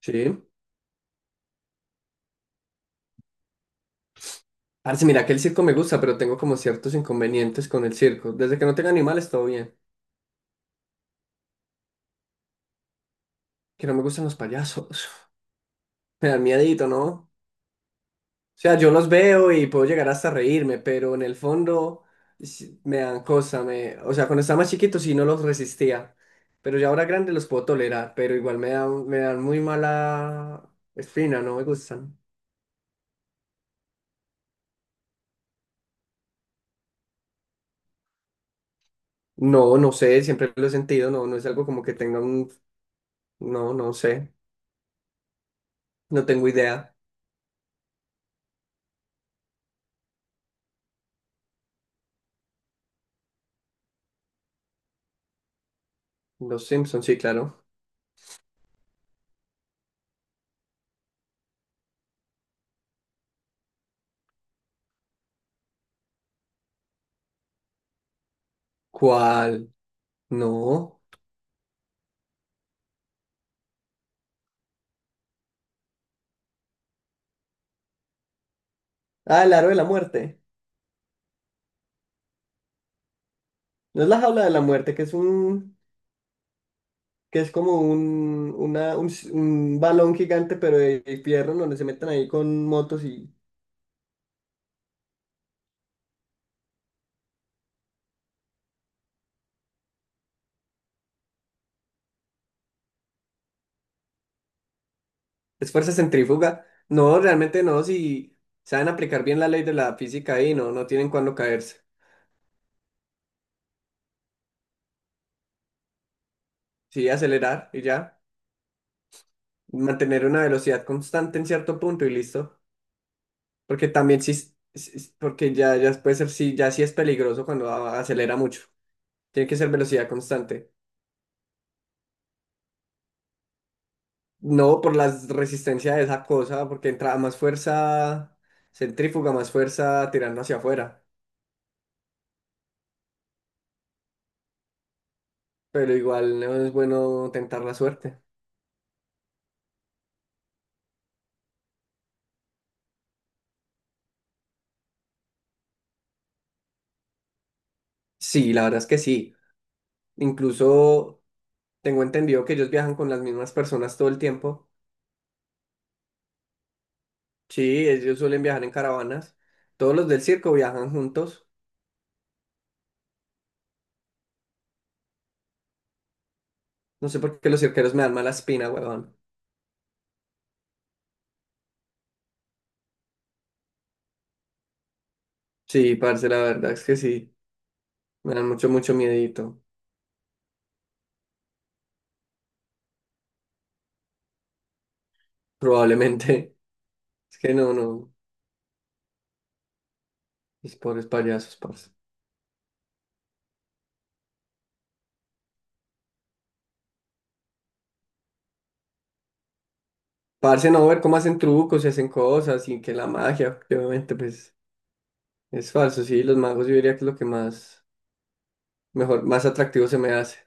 Sí. Parce, mira que el circo me gusta, pero tengo como ciertos inconvenientes con el circo. Desde que no tenga animales, todo bien. Que no me gustan los payasos. Me dan miedito, ¿no? O sea, yo los veo y puedo llegar hasta a reírme, pero en el fondo sí, me dan cosa. Me... O sea, cuando estaba más chiquito sí no los resistía. Pero ya ahora grande los puedo tolerar, pero igual me dan muy mala espina, no me gustan. No, no sé, siempre lo he sentido, no, no es algo como que tenga un... No, no sé, no tengo idea. Los Simpsons, sí, claro. ¿Cuál? No. Ah, el aro de la muerte. No es la jaula de la muerte, que es como un, una, un, s- un balón gigante, pero de fierro, donde se meten ahí con motos y es fuerza centrífuga. No, realmente no, si saben aplicar bien la ley de la física ahí, no, no tienen cuándo caerse. Sí, acelerar y ya. Mantener una velocidad constante en cierto punto y listo. Porque también sí, porque ya, ya puede ser, sí, ya sí es peligroso cuando acelera mucho. Tiene que ser velocidad constante. No, por la resistencia de esa cosa, porque entra más fuerza centrífuga, más fuerza tirando hacia afuera. Pero igual no es bueno tentar la suerte. Sí, la verdad es que sí. Incluso tengo entendido que ellos viajan con las mismas personas todo el tiempo. Sí, ellos suelen viajar en caravanas. Todos los del circo viajan juntos. No sé por qué los cirqueros me dan mala espina, huevón. Sí, parce, la verdad es que sí. Me dan mucho, mucho miedito. Probablemente. Es que no, no. Mis pobres payasos, parce. Parce, no ver cómo hacen trucos y hacen cosas y que la magia, porque obviamente, pues es falso. Sí, los magos yo diría que es lo que más, mejor, más atractivo se me hace.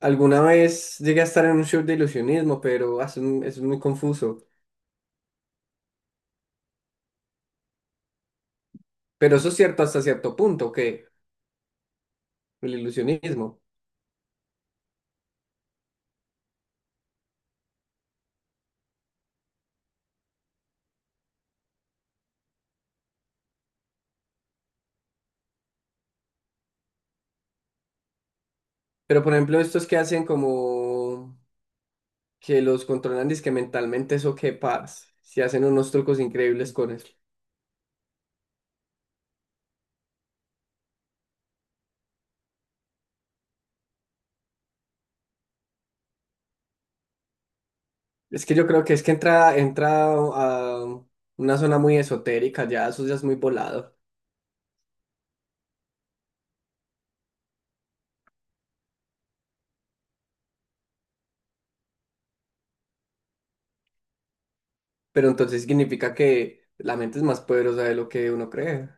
Alguna vez llegué a estar en un show de ilusionismo, pero ah, eso es muy confuso. Pero eso es cierto hasta cierto punto, que el ilusionismo. Pero por ejemplo, estos que hacen como que los controlan dizque mentalmente, eso que parce, si hacen unos trucos increíbles con eso. Es que yo creo que es que entra a una zona muy esotérica, ya eso ya es muy volado. Pero entonces significa que la mente es más poderosa de lo que uno cree.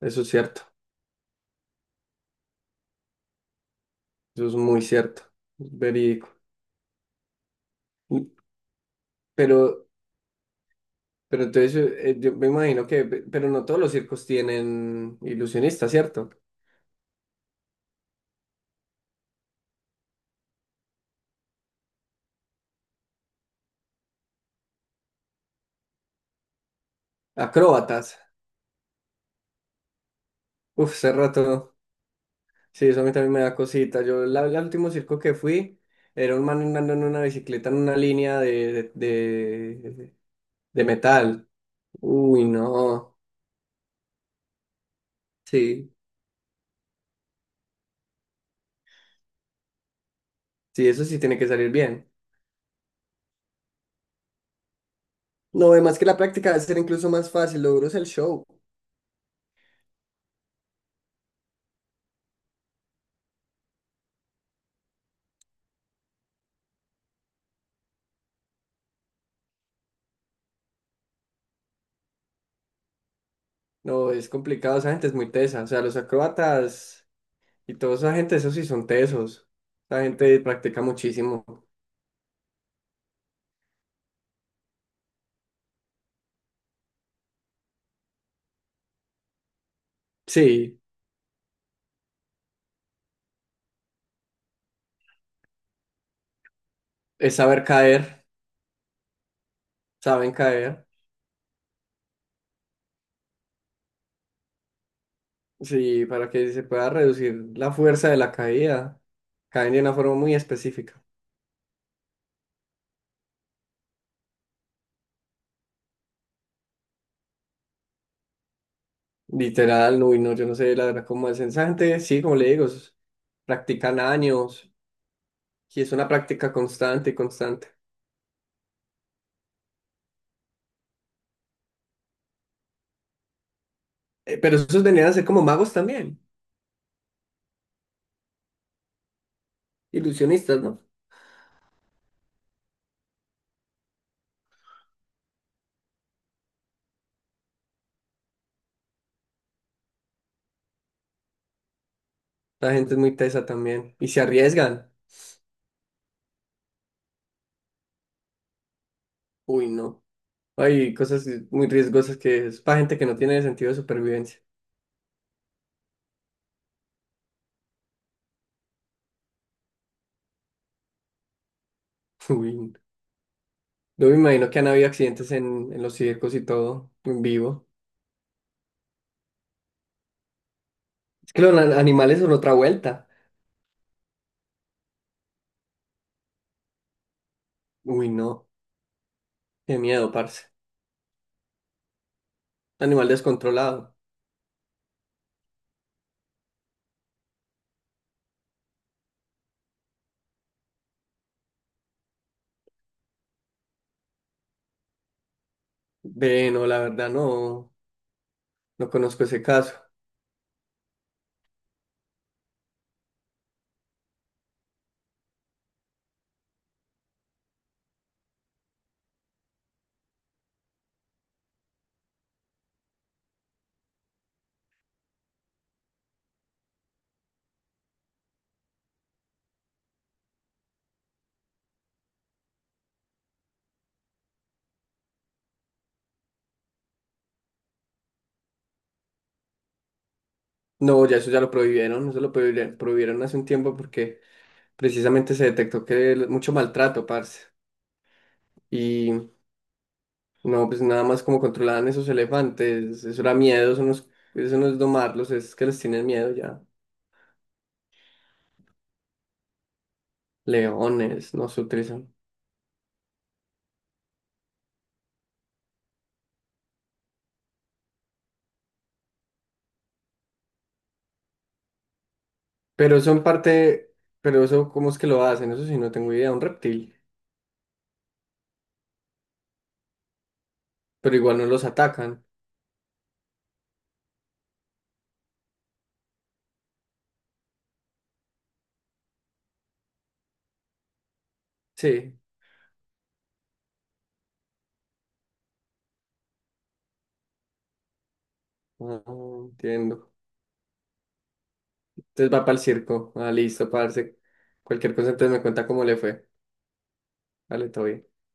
Eso es cierto, eso es muy cierto, es verídico. Y- Pero, pero entonces yo me imagino que, pero no todos los circos tienen ilusionistas, ¿cierto? Acróbatas. Uf, hace rato, sí, eso a mí también me da cosita. El último circo que fui era un man andando en una bicicleta en una línea de de metal. Uy, no. Sí, sí, eso sí tiene que salir bien. No, además que la práctica debe ser incluso más fácil, lo duro es el show. No, es complicado, esa gente es muy tesa. O sea, los acróbatas y toda esa gente, esos sí son tesos. La gente practica muchísimo. Sí, es saber caer, saben caer. Sí, para que se pueda reducir la fuerza de la caída. Caen de una forma muy específica. Literal, no, y no, yo no sé la verdad cómo es. Esa gente, sí, como le digo, es- practican años y es una práctica constante y constante. Pero esos venían a ser como magos también. Ilusionistas, ¿no? La gente es muy tesa también y se arriesgan. Uy, no. Hay cosas muy riesgosas que es para gente que no tiene sentido de supervivencia. Uy, no. Yo me imagino que han habido accidentes en los circos y todo, en vivo. Es que los animales son otra vuelta. Uy, no. Qué miedo, parce. Animal descontrolado. Ve, no, la verdad no, no conozco ese caso. No, ya eso ya lo prohibieron, prohibieron hace un tiempo porque precisamente se detectó que mucho maltrato, parce. No, pues nada más como controlaban esos elefantes, eso era miedo, eso no es domarlos, es que les tienen miedo ya. Leones, no se utilizan. Pero eso en parte, pero eso, ¿cómo es que lo hacen? Eso sí, no tengo idea, un reptil. Pero igual no los atacan. Sí, ah, entiendo. Entonces va para el circo. Ah, listo, parce. Cualquier cosa entonces me cuenta cómo le fue. Dale, todo bien.